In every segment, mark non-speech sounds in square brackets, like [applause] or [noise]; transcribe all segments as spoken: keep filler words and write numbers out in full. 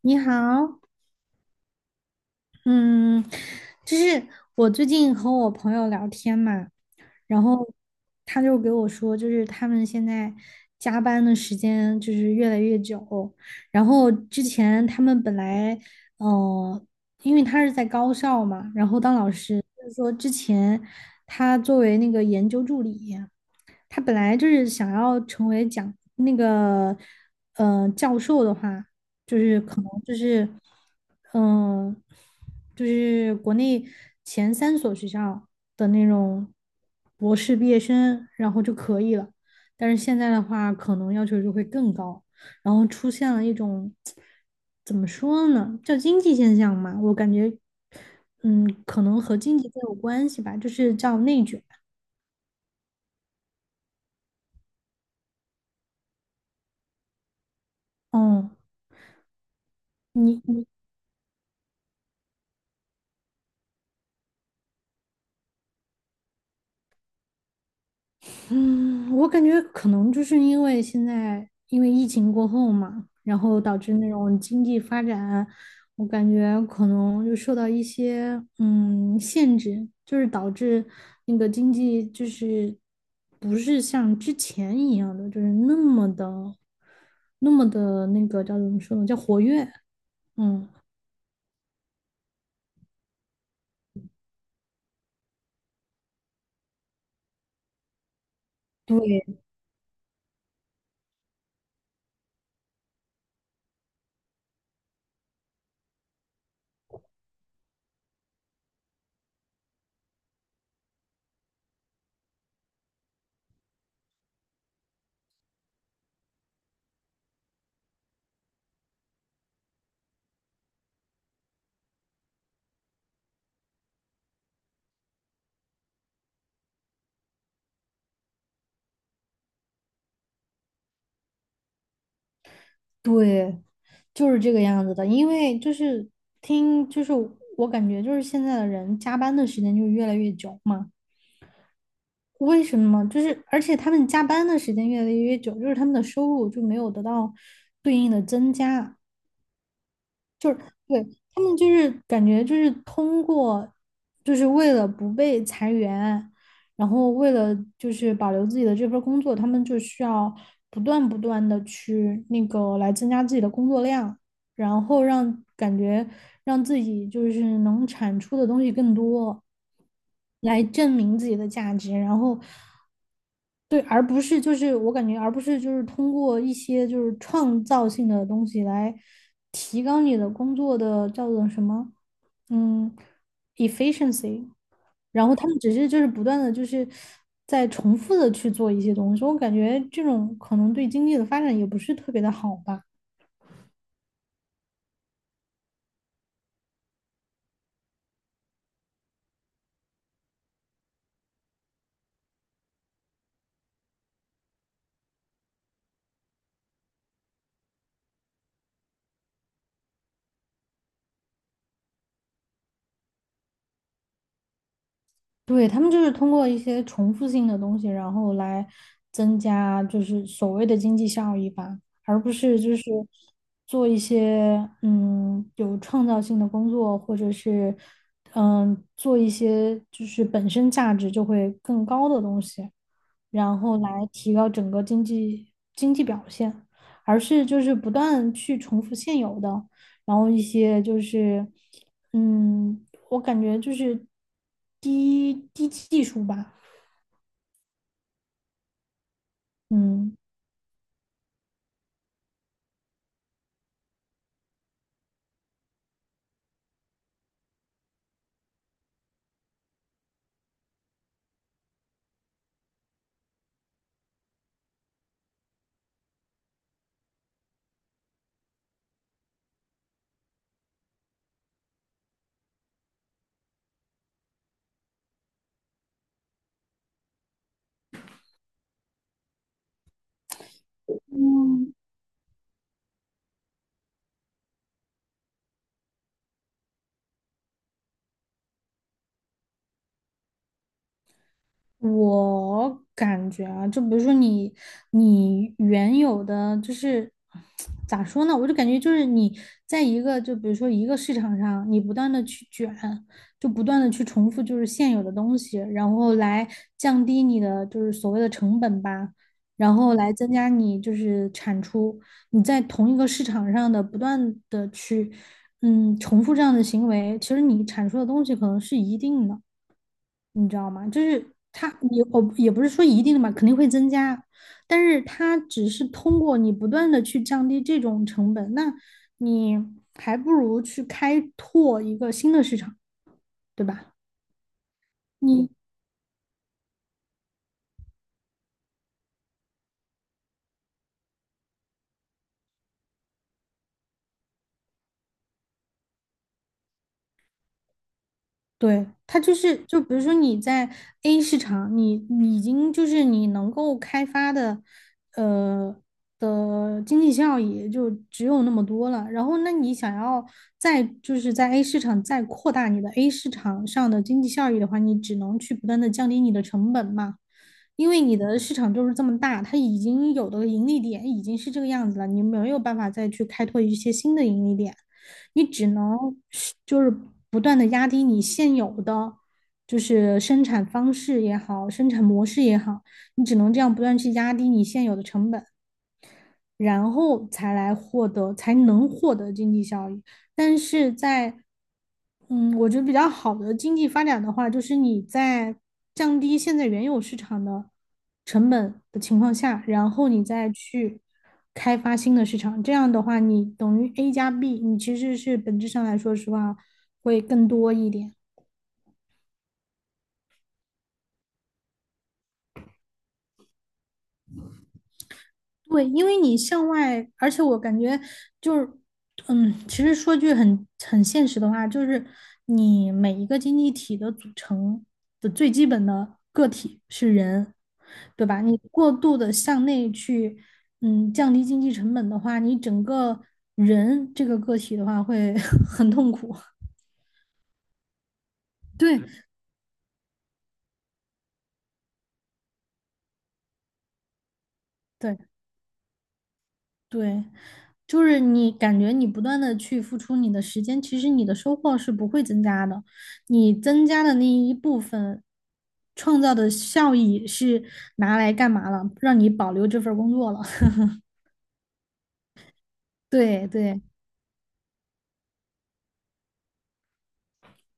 你好，嗯，就是我最近和我朋友聊天嘛，然后他就给我说，就是他们现在加班的时间就是越来越久，然后之前他们本来，呃，因为他是在高校嘛，然后当老师，就是说之前他作为那个研究助理。他本来就是想要成为讲那个呃教授的话，就是可能就是嗯、呃就是国内前三所学校的那种博士毕业生，然后就可以了。但是现在的话，可能要求就会更高，然后出现了一种怎么说呢，叫经济现象嘛，我感觉嗯，可能和经济更有关系吧，就是叫内卷。嗯，你你嗯，我感觉可能就是因为现在因为疫情过后嘛，然后导致那种经济发展，我感觉可能就受到一些嗯限制，就是导致那个经济就是不是像之前一样的，就是那么的那么的那个叫怎么说呢，叫活跃。嗯，对，对，就是这个样子的。因为就是听，就是我感觉就是现在的人加班的时间就越来越久嘛。为什么？就是而且他们加班的时间越来越久，就是他们的收入就没有得到对应的增加。对，他们就是感觉就是通过，就是为了不被裁员，然后为了就是保留自己的这份儿工作，他们就需要不断不断的去那个来增加自己的工作量。然后让感觉让自己就是能产出的东西更多，来证明自己的价值，然后对，而不是就是我感觉，而不是就是通过一些就是创造性的东西来提高你的工作的叫做什么，嗯，efficiency，然后他们只是就是不断的就是在重复的去做一些东西，我感觉这种可能对经济的发展也不是特别的好吧。对，他们就是通过一些重复性的东西，然后来增加就是所谓的经济效益吧，而不是就是做一些嗯有创造性的工作，或者是嗯做一些就是本身价值就会更高的东西，然后来提高整个经济经济表现，而是就是不断去重复现有的。然后一些就是，嗯，我感觉就是低低技术吧，嗯。嗯。我感觉啊，就比如说你，你原有的就是咋说呢？我就感觉就是你在一个就比如说一个市场上，你不断的去卷，就不断的去重复就是现有的东西，然后来降低你的就是所谓的成本吧，然后来增加你就是产出。你在同一个市场上的不断的去嗯重复这样的行为，其实你产出的东西可能是一定的。你知道吗？就是它，也我也不是说一定的嘛，肯定会增加，但是它只是通过你不断的去降低这种成本，那你还不如去开拓一个新的市场，对吧？你对，它就是，就比如说你在 A 市场，你你已经就是你能够开发的，呃的经济效益就只有那么多了。然后，那你想要再就是在 A 市场再扩大你的 A 市场上的经济效益的话，你只能去不断的降低你的成本嘛，因为你的市场就是这么大，它已经有的盈利点已经是这个样子了，你没有办法再去开拓一些新的盈利点。你只能是就是不断的压低你现有的就是生产方式也好，生产模式也好，你只能这样不断去压低你现有的成本，然后才来获得，才能获得经济效益。但是在嗯，我觉得比较好的经济发展的话，就是你在降低现在原有市场的成本的情况下，然后你再去开发新的市场。这样的话，你等于 A 加 B，你其实是本质上来说实话会更多一点。对，因为你向外，而且我感觉就是，嗯，其实说句很很现实的话，就是你每一个经济体的组成的最基本的个体是人，对吧？你过度的向内去，嗯，降低经济成本的话，你整个人这个个体的话会 [laughs] 很痛苦。[laughs] 对，对，对，就是你感觉你不断的去付出你的时间，其实你的收获是不会增加的，你增加的那一部分创造的效益是拿来干嘛了？让你保留这份儿工作了。[laughs] 对对。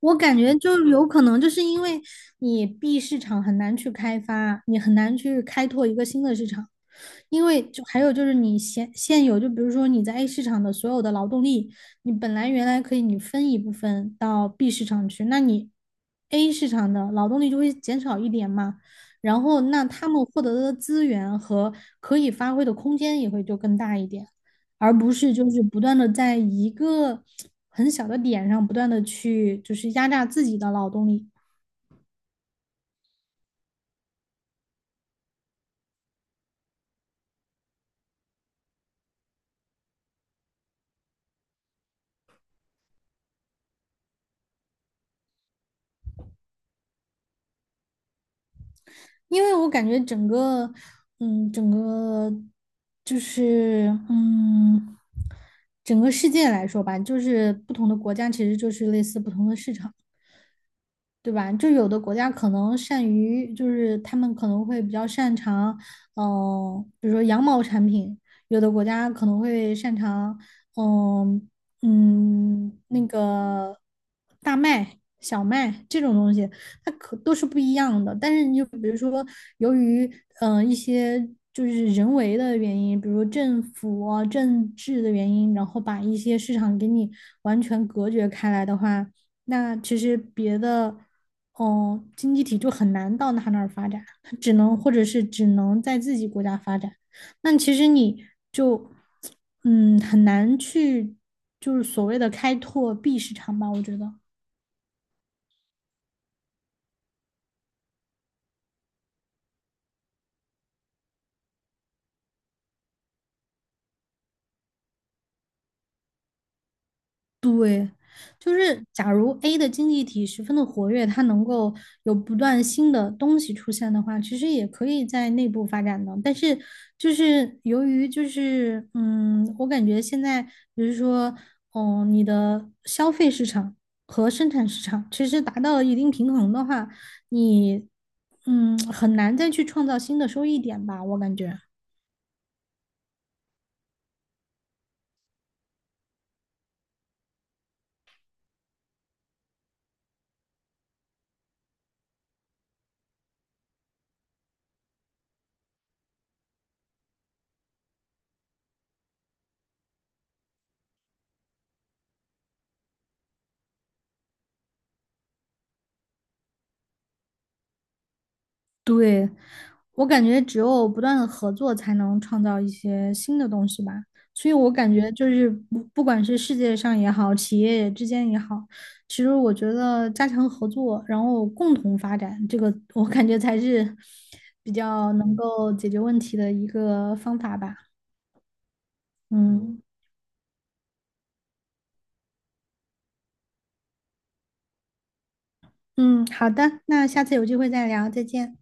我感觉就有可能，就是因为你 B 市场很难去开发，你很难去开拓一个新的市场，因为就还有就是你现现有，就比如说你在 A 市场的所有的劳动力，你本来原来可以你分一部分到 B 市场去，那你 A 市场的劳动力就会减少一点嘛，然后那他们获得的资源和可以发挥的空间也会就更大一点。而不是就是不断的在一个很小的点上不断的去就是压榨自己的劳动力，因为我感觉整个，嗯，整个就是嗯，整个世界来说吧，就是不同的国家其实就是类似不同的市场。对吧？就有的国家可能善于，就是他们可能会比较擅长，嗯、比如说羊毛产品；有的国家可能会擅长，嗯、嗯，那个大麦、小麦这种东西，它可都是不一样的。但是你就比如说，由于嗯、呃一些就是人为的原因，比如政府啊、政治的原因，然后把一些市场给你完全隔绝开来的话。那其实别的，哦，经济体就很难到他那儿发展，他只能或者是只能在自己国家发展。那其实你就，嗯，很难去就是所谓的开拓 B 市场吧，我觉得。对，就是假如 A 的经济体十分的活跃，它能够有不断新的东西出现的话，其实也可以在内部发展的。但是就是由于就是嗯，我感觉现在比如说，嗯，你的消费市场和生产市场其实达到了一定平衡的话，你嗯很难再去创造新的收益点吧，我感觉。对，我感觉只有不断的合作，才能创造一些新的东西吧。所以我感觉就是不不管是世界上也好，企业之间也好，其实我觉得加强合作，然后共同发展，这个我感觉才是 [laughs] 比较能够解决问题的一个方法吧。嗯嗯，好的，那下次有机会再聊，再见。